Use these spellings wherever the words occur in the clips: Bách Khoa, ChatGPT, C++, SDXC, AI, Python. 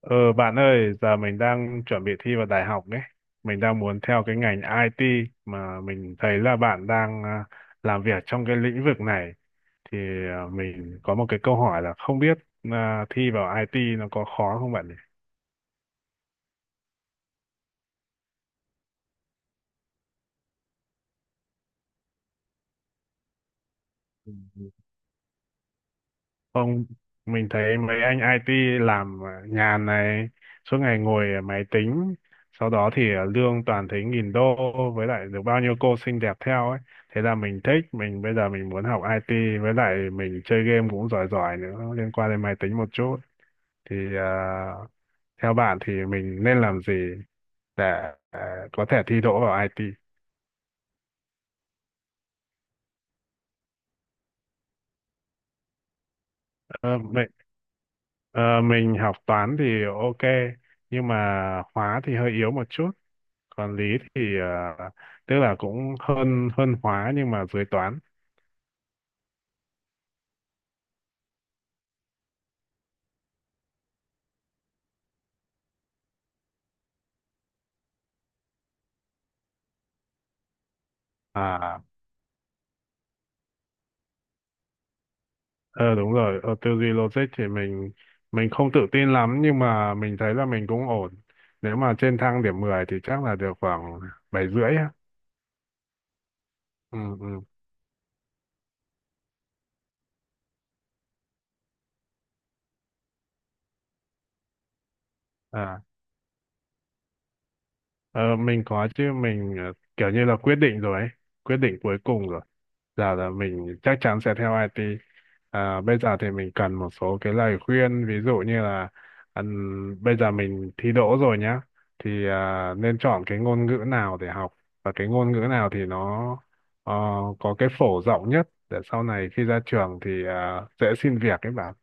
Ờ Bạn ơi, giờ mình đang chuẩn bị thi vào đại học đấy. Mình đang muốn theo cái ngành IT mà mình thấy là bạn đang làm việc trong cái lĩnh vực này. Thì mình có một cái câu hỏi là không biết thi vào IT nó có khó không bạn nhỉ? Không, mình thấy mấy anh IT làm nhàn này, suốt ngày ngồi ở máy tính, sau đó thì lương toàn thấy nghìn đô với lại được bao nhiêu cô xinh đẹp theo ấy. Thế là mình thích, mình bây giờ mình muốn học IT với lại mình chơi game cũng giỏi giỏi nữa, liên quan đến máy tính một chút. Thì theo bạn thì mình nên làm gì để có thể thi đỗ vào IT? Ờ, mình, ờ, mình học toán thì ok, nhưng mà hóa thì hơi yếu một chút. Còn lý thì tức là cũng hơn hơn hóa nhưng mà dưới toán. À, ờ, đúng rồi, ở tư duy logic thì mình không tự tin lắm, nhưng mà mình thấy là mình cũng ổn. Nếu mà trên thang điểm 10 thì chắc là được khoảng bảy rưỡi á. Ừ, ừ, à. Ờ, mình có chứ, mình kiểu như là quyết định rồi ấy, quyết định cuối cùng rồi. Giờ là mình chắc chắn sẽ theo IT. À, bây giờ thì mình cần một số cái lời khuyên, ví dụ như là bây giờ mình thi đỗ rồi nhá, thì nên chọn cái ngôn ngữ nào để học, và cái ngôn ngữ nào thì nó ờ, có cái phổ rộng nhất để sau này khi ra trường thì dễ xin việc ấy bạn.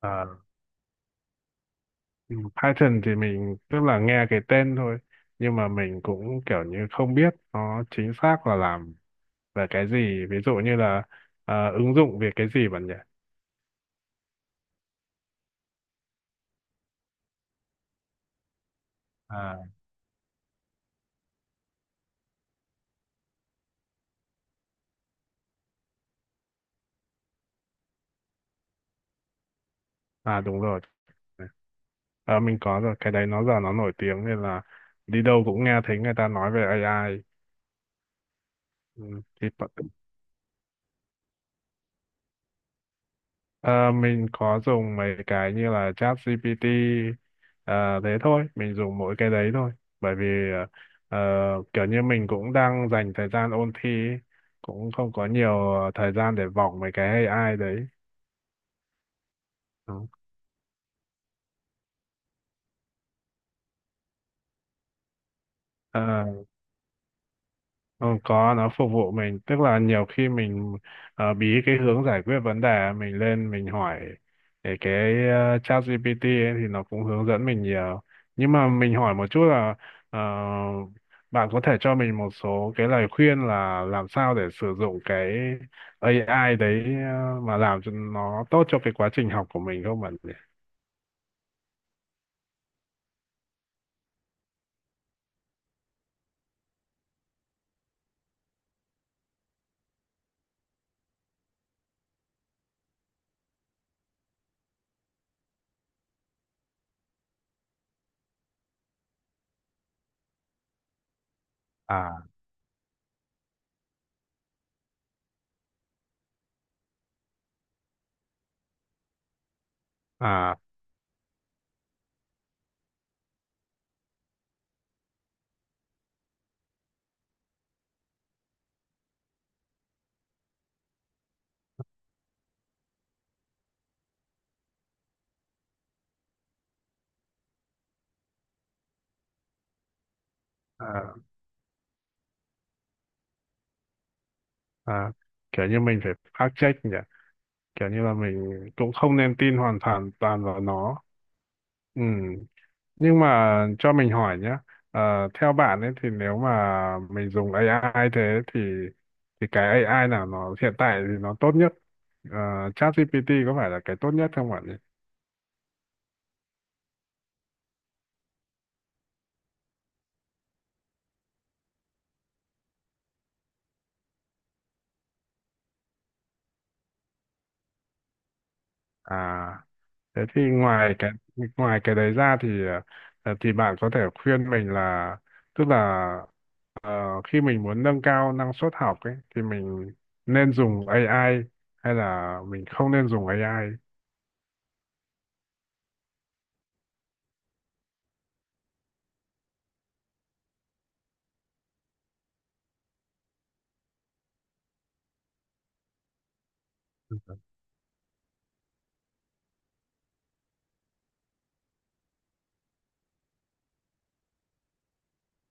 Ờ. Ừ, Python thì mình tức là nghe cái tên thôi, nhưng mà mình cũng kiểu như không biết nó chính xác là làm về cái gì, ví dụ như là ứng dụng về cái gì bạn nhỉ. À à đúng rồi. Ờ, mình có rồi, cái đấy nó giờ nó nổi tiếng nên là đi đâu cũng nghe thấy người ta nói về AI. Ừ, thì. Ờ, mình có dùng mấy cái như là ChatGPT, ờ, thế thôi, mình dùng mỗi cái đấy thôi. Bởi vì ờ, kiểu như mình cũng đang dành thời gian ôn thi ấy, cũng không có nhiều thời gian để vòng mấy cái AI đấy. Ờ, ừ, có, nó phục vụ mình, tức là nhiều khi mình bí cái hướng giải quyết vấn đề, mình lên mình hỏi để cái chat GPT ấy, thì nó cũng hướng dẫn mình nhiều, nhưng mà mình hỏi một chút là ờ, bạn có thể cho mình một số cái lời khuyên là làm sao để sử dụng cái AI đấy mà làm cho nó tốt cho cái quá trình học của mình không bạn nhỉ? À, à, à, à. Kiểu như mình phải fact check nhỉ, kiểu như là mình cũng không nên tin hoàn toàn toàn vào nó. Ừ. Nhưng mà cho mình hỏi nhé, theo bạn ấy thì nếu mà mình dùng AI, thế thì cái AI nào nó hiện tại thì nó tốt nhất? Ờ, ChatGPT có phải là cái tốt nhất không bạn nhỉ? À, thế thì ngoài cái, ngoài cái đấy ra thì thì bạn có thể khuyên mình là, tức là, ờ, khi mình muốn nâng cao năng suất học ấy thì mình nên dùng AI hay là mình không nên dùng AI?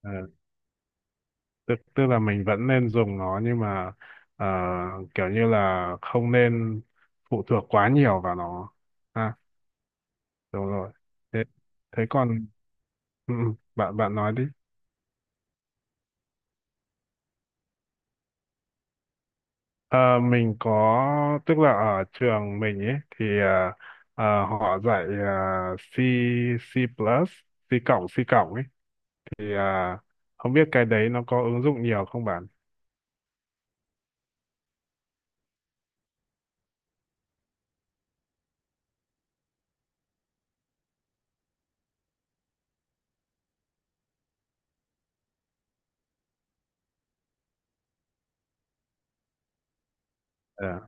Ờ, tức tức là mình vẫn nên dùng nó, nhưng mà ờ, kiểu như là không nên phụ thuộc quá nhiều vào nó. À, đúng rồi. Thế, còn. Ừ, ừ, bạn bạn nói đi. Ờ, mình có, tức là ở trường mình ấy thì họ dạy C C plus C cộng ấy, thì không biết cái đấy nó có ứng dụng nhiều không bạn. Ờ.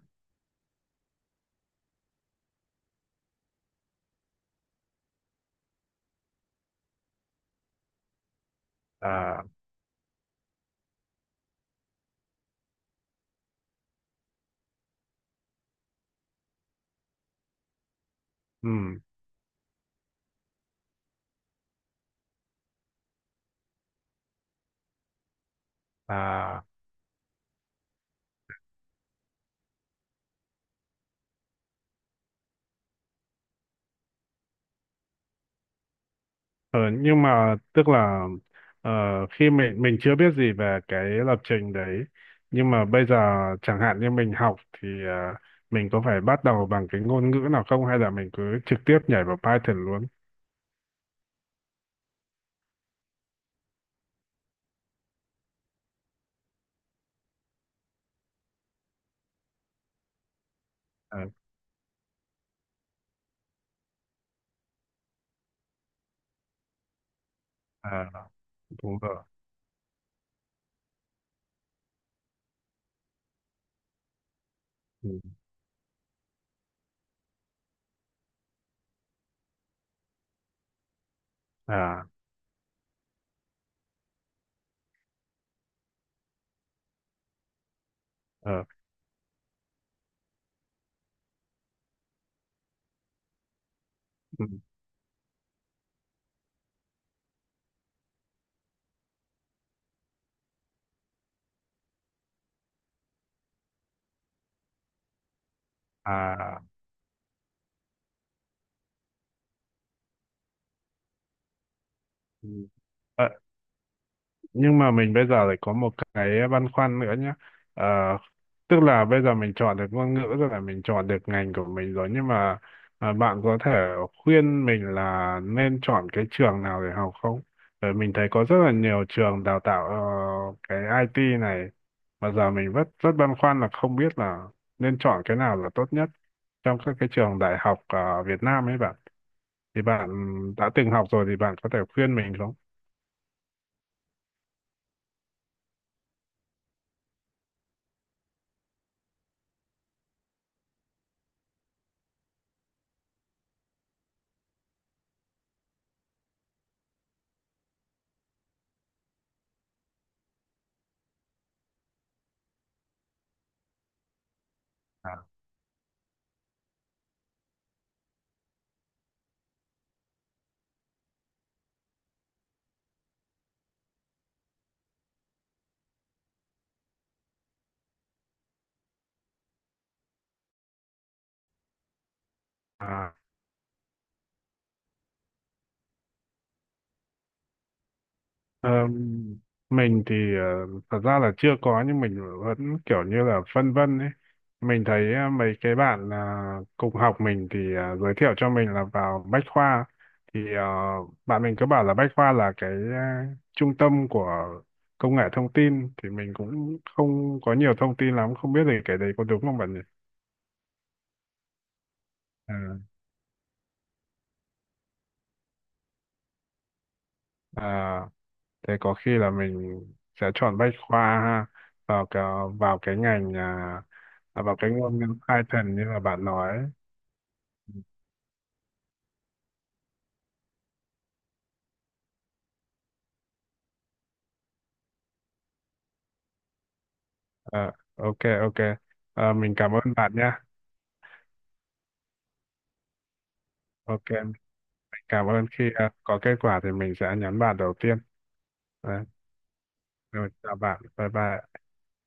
À. Ừ. À. ờ, nhưng mà tức là, ờ, khi mình chưa biết gì về cái lập trình đấy, nhưng mà bây giờ chẳng hạn như mình học thì mình có phải bắt đầu bằng cái ngôn ngữ nào không, hay là mình cứ trực tiếp nhảy vào Python luôn? Ờ. À, đúng rồi. Ừ. À. Ờ. Ừ. À. Ừ. Nhưng mà mình bây giờ lại có một cái băn khoăn nữa nhé. Ờ, tức là bây giờ mình chọn được ngôn ngữ rồi, là mình chọn được ngành của mình rồi, nhưng mà bạn có thể khuyên mình là nên chọn cái trường nào để học không, bởi mình thấy có rất là nhiều trường đào tạo cái IT này, mà giờ mình rất rất băn khoăn là không biết là nên chọn cái nào là tốt nhất trong các cái trường đại học ở Việt Nam ấy bạn. Thì bạn đã từng học rồi thì bạn có thể khuyên mình không? À, à. Ờ, mình thì thật ra là chưa có, nhưng mình vẫn kiểu như là phân vân ấy. Mình thấy mấy cái bạn cùng học mình thì giới thiệu cho mình là vào Bách Khoa, thì bạn mình cứ bảo là Bách Khoa là cái trung tâm của công nghệ thông tin, thì mình cũng không có nhiều thông tin lắm, không biết thì cái đấy có đúng không bạn nhỉ? Ờ. À, thế có khi là mình sẽ chọn Bách Khoa ha, vào cái, ngành vào cái ngôn ngữ Python như là bạn nói. Ờ, ok, ok. Ờ, mình cảm ơn bạn nhé. Ok, mình cảm ơn, khi có kết quả thì mình sẽ nhắn bạn đầu tiên. Đấy, rồi chào bạn, bye bye.